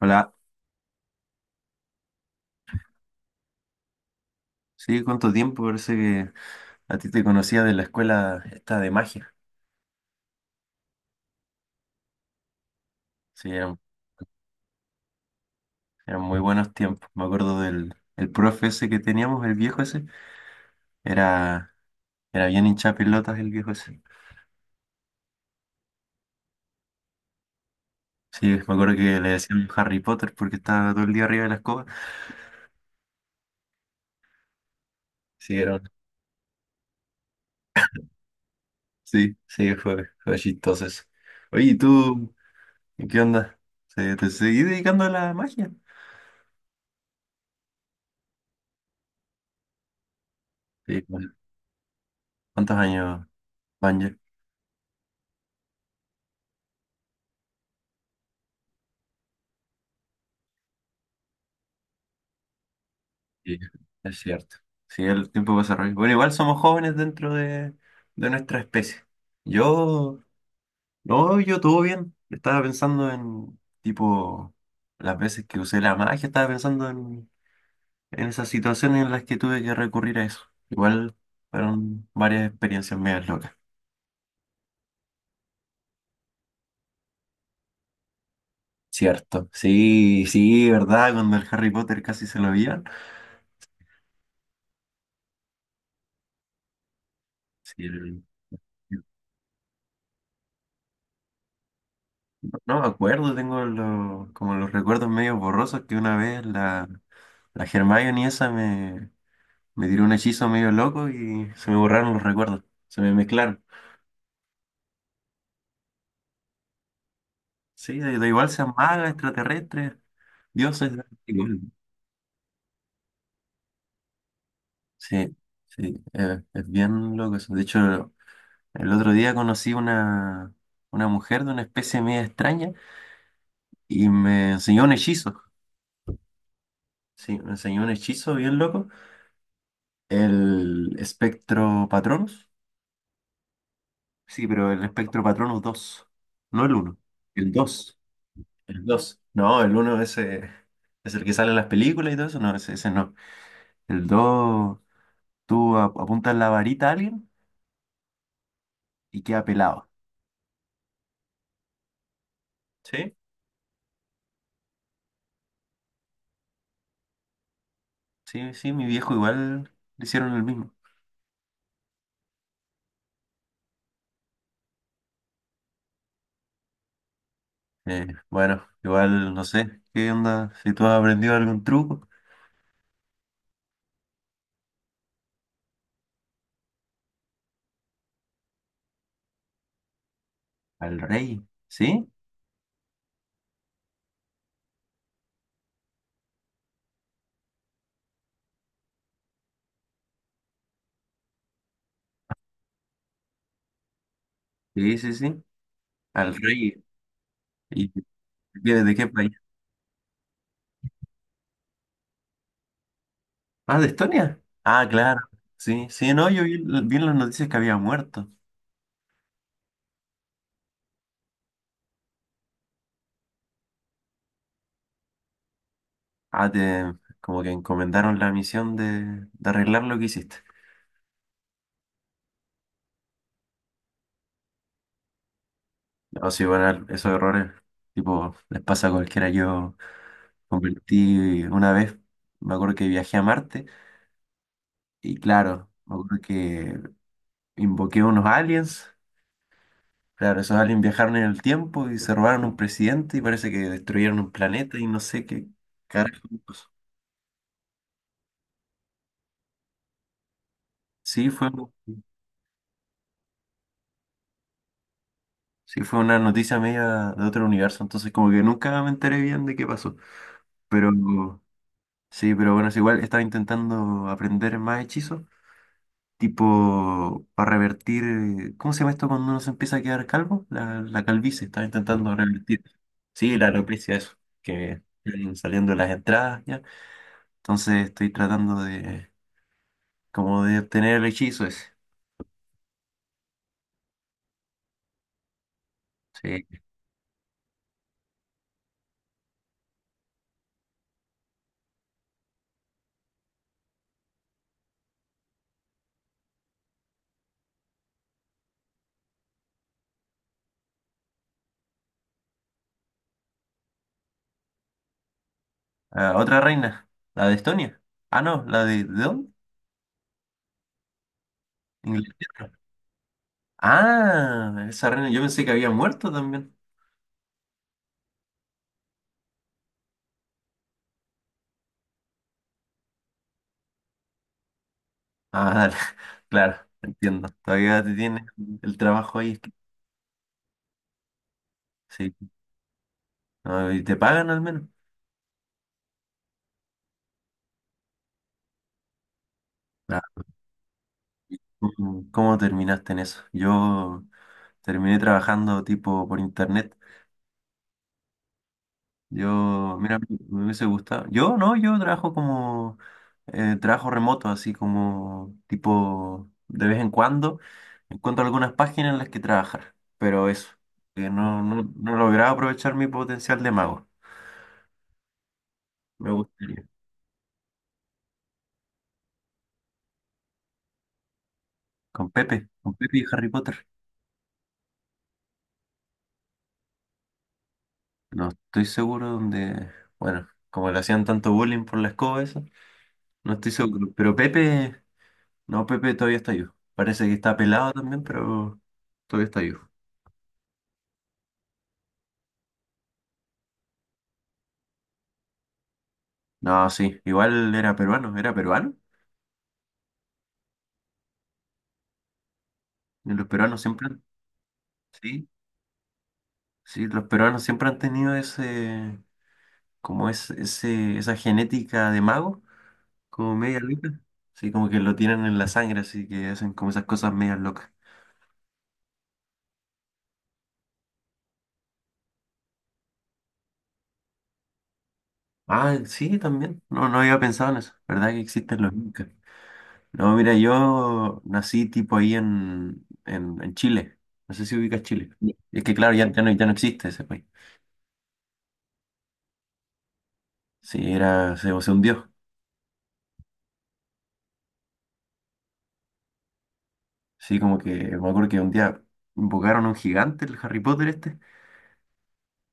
Hola, sí, ¿cuánto tiempo? Parece que a ti te conocía de la escuela esta de magia. Sí, eran muy buenos tiempos. Me acuerdo del el profe ese que teníamos, el viejo ese. Era, era bien hincha pelotas el viejo ese. Sí, me acuerdo que le decían Harry Potter porque estaba todo el día arriba de la escoba. Sí, sí, sí, fue chistoso eso. Oye, ¿y tú qué onda? ¿Te seguí dedicando a la magia? Sí, ¿cuántos años van ya? Sí, es cierto. Sí, el tiempo pasa rápido. Bueno, igual somos jóvenes dentro de nuestra especie. Yo, no, yo todo bien. Estaba pensando en, tipo, las veces que usé la magia, estaba pensando en esas situaciones en las que tuve que recurrir a eso. Igual fueron varias experiencias medias locas. Cierto. Sí, sí, ¿verdad? Cuando el Harry Potter casi se lo vieron. Sí, no me acuerdo, tengo como los recuerdos medio borrosos que una vez la Hermione esa me tiró un hechizo medio loco y se me borraron los recuerdos, se me mezclaron. Sí, da igual sean magas, extraterrestres, dioses, da igual. Sí, sí, es bien loco eso. De hecho, el otro día conocí una mujer de una especie media extraña y me enseñó un hechizo. Sí, me enseñó un hechizo bien loco, el espectro Patronus. Sí, pero el espectro patrono 2, no el uno, el 2, el 2. No, el uno ese es el que sale en las películas y todo eso, no, ese no. El 2, tú apuntas la varita a alguien y queda pelado. Sí, sí, sí, mi viejo igual le hicieron el mismo. Bueno, igual no sé, ¿qué onda? Si tú has aprendido algún truco. Al rey, ¿sí? Sí, sí, sí. Al rey. ¿Y de qué país? ¿Ah, de Estonia? Ah, claro. Sí, sí, no, yo vi en las noticias que había muerto. Ah, como que encomendaron la misión de arreglar lo que hiciste. No, sí, bueno, esos errores, tipo, les pasa a cualquiera. Yo convertí una vez, me acuerdo que viajé a Marte, y claro, me acuerdo que invoqué unos aliens. Claro, esos aliens viajaron en el tiempo y se robaron un presidente y parece que destruyeron un planeta y no sé qué carajo pasó. Sí, fue. Sí, fue una noticia media de otro universo, entonces como que nunca me enteré bien de qué pasó. Pero sí, pero bueno, es igual estaba intentando aprender más hechizos, tipo para revertir, ¿cómo se llama esto cuando uno se empieza a quedar calvo? La calvicie, estaba intentando revertir. Sí, la alopecia, eso, que vienen saliendo las entradas ya. Entonces estoy tratando como de obtener el hechizo ese. Sí. Ah, otra reina, la de Estonia. Ah, no, la ¿de dónde? Inglaterra. Ah, esa reina, yo pensé que había muerto también. Ah, dale, claro, entiendo. Todavía te tienes el trabajo ahí. Sí, ah, y te pagan al menos. Ah, ¿Cómo terminaste en eso? Yo terminé trabajando tipo por internet. Yo, mira, me hubiese gustado. Yo no, yo trabajo como trabajo remoto, así como tipo de vez en cuando encuentro algunas páginas en las que trabajar, pero eso, que no he logrado aprovechar mi potencial de mago. Me gustaría. Con Pepe y Harry Potter. No estoy seguro dónde, bueno, como le hacían tanto bullying por la escoba esa, no estoy seguro. Pero Pepe, no, Pepe todavía está yo. Parece que está pelado también, pero todavía está yo. No, sí, igual era peruano, era peruano. Y los peruanos siempre han- Sí, sí, los peruanos siempre han tenido ese, como es, ese, esa genética de mago, como media loca. Sí, como que lo tienen en la sangre, así que hacen como esas cosas medias locas. Ah, sí, también. No, no había pensado en eso. ¿Verdad que existen los incas? No, mira, yo nací tipo ahí en Chile. No sé si ubicas Chile. Sí. Es que claro, ya no existe ese país. Sí, era, se hundió. Sí, como que me acuerdo que un día invocaron a un gigante, el Harry Potter este,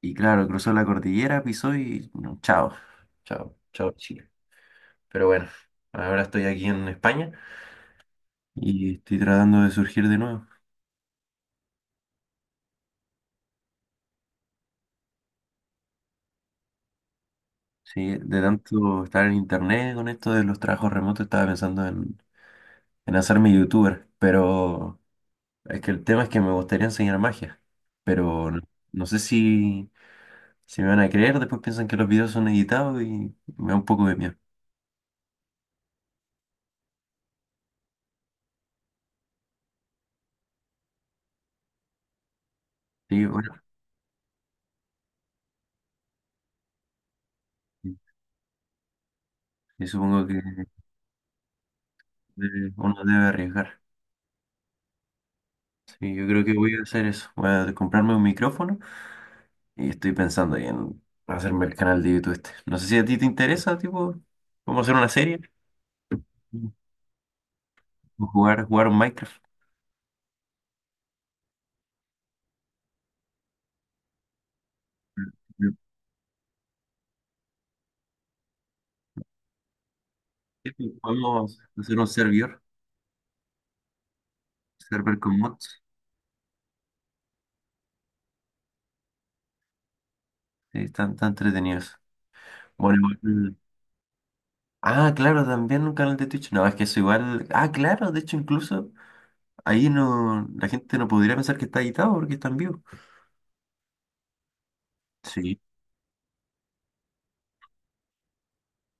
y claro, cruzó la cordillera, pisó y no, chao, chao, chao Chile. Pero bueno, ahora estoy aquí en España y estoy tratando de surgir de nuevo. Sí, de tanto estar en internet con esto de los trabajos remotos, estaba pensando en hacerme youtuber, pero es que el tema es que me gustaría enseñar magia, pero no sé si me van a creer, después piensan que los videos son editados y me da un poco de miedo. Sí, bueno. Y supongo que uno debe arriesgar. Sí, yo creo que voy a hacer eso. Voy a comprarme un micrófono y estoy pensando ahí en hacerme el canal de YouTube este. No sé si a ti te interesa, tipo, cómo hacer una serie o jugar un Minecraft. Sí, pues, podemos hacer un servidor, server con mods. Sí, están tan entretenidos. Bueno, igual- Ah, claro, también un canal de Twitch. No, es que eso igual. Ah, claro, de hecho, incluso ahí no, la gente no podría pensar que está editado porque está en vivo. Sí.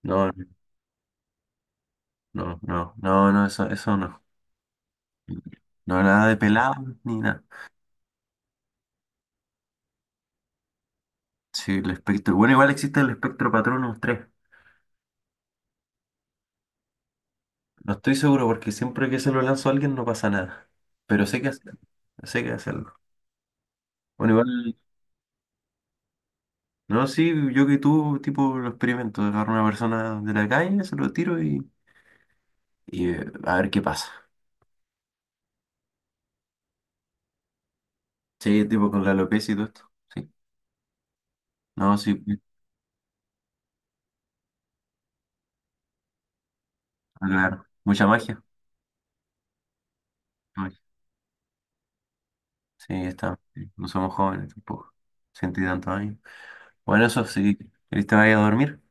No, no, no, no, no, eso no. No, nada de pelado ni nada. Sí, el espectro. Bueno, igual existe el espectro Patronus tres. No estoy seguro porque siempre que se lo lanzo a alguien no pasa nada. Pero sé que hacerlo. Sé que hacerlo. Bueno, igual, no, sí, yo que tú, tipo, lo experimento. Agarro a una persona de la calle, se lo tiro y, a ver qué pasa. Sí, tipo con la alopecia y todo esto. Sí. No, sí, claro. Mucha magia. Mucha magia. Sí, está. No somos jóvenes tampoco. Ciento y tantos años. Bueno, eso, si querés te vaya a dormir,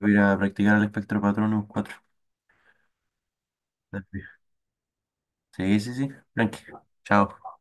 voy a ir a practicar el espectro patrón cuatro. Sí, sí, sí. Tranqui. Chao.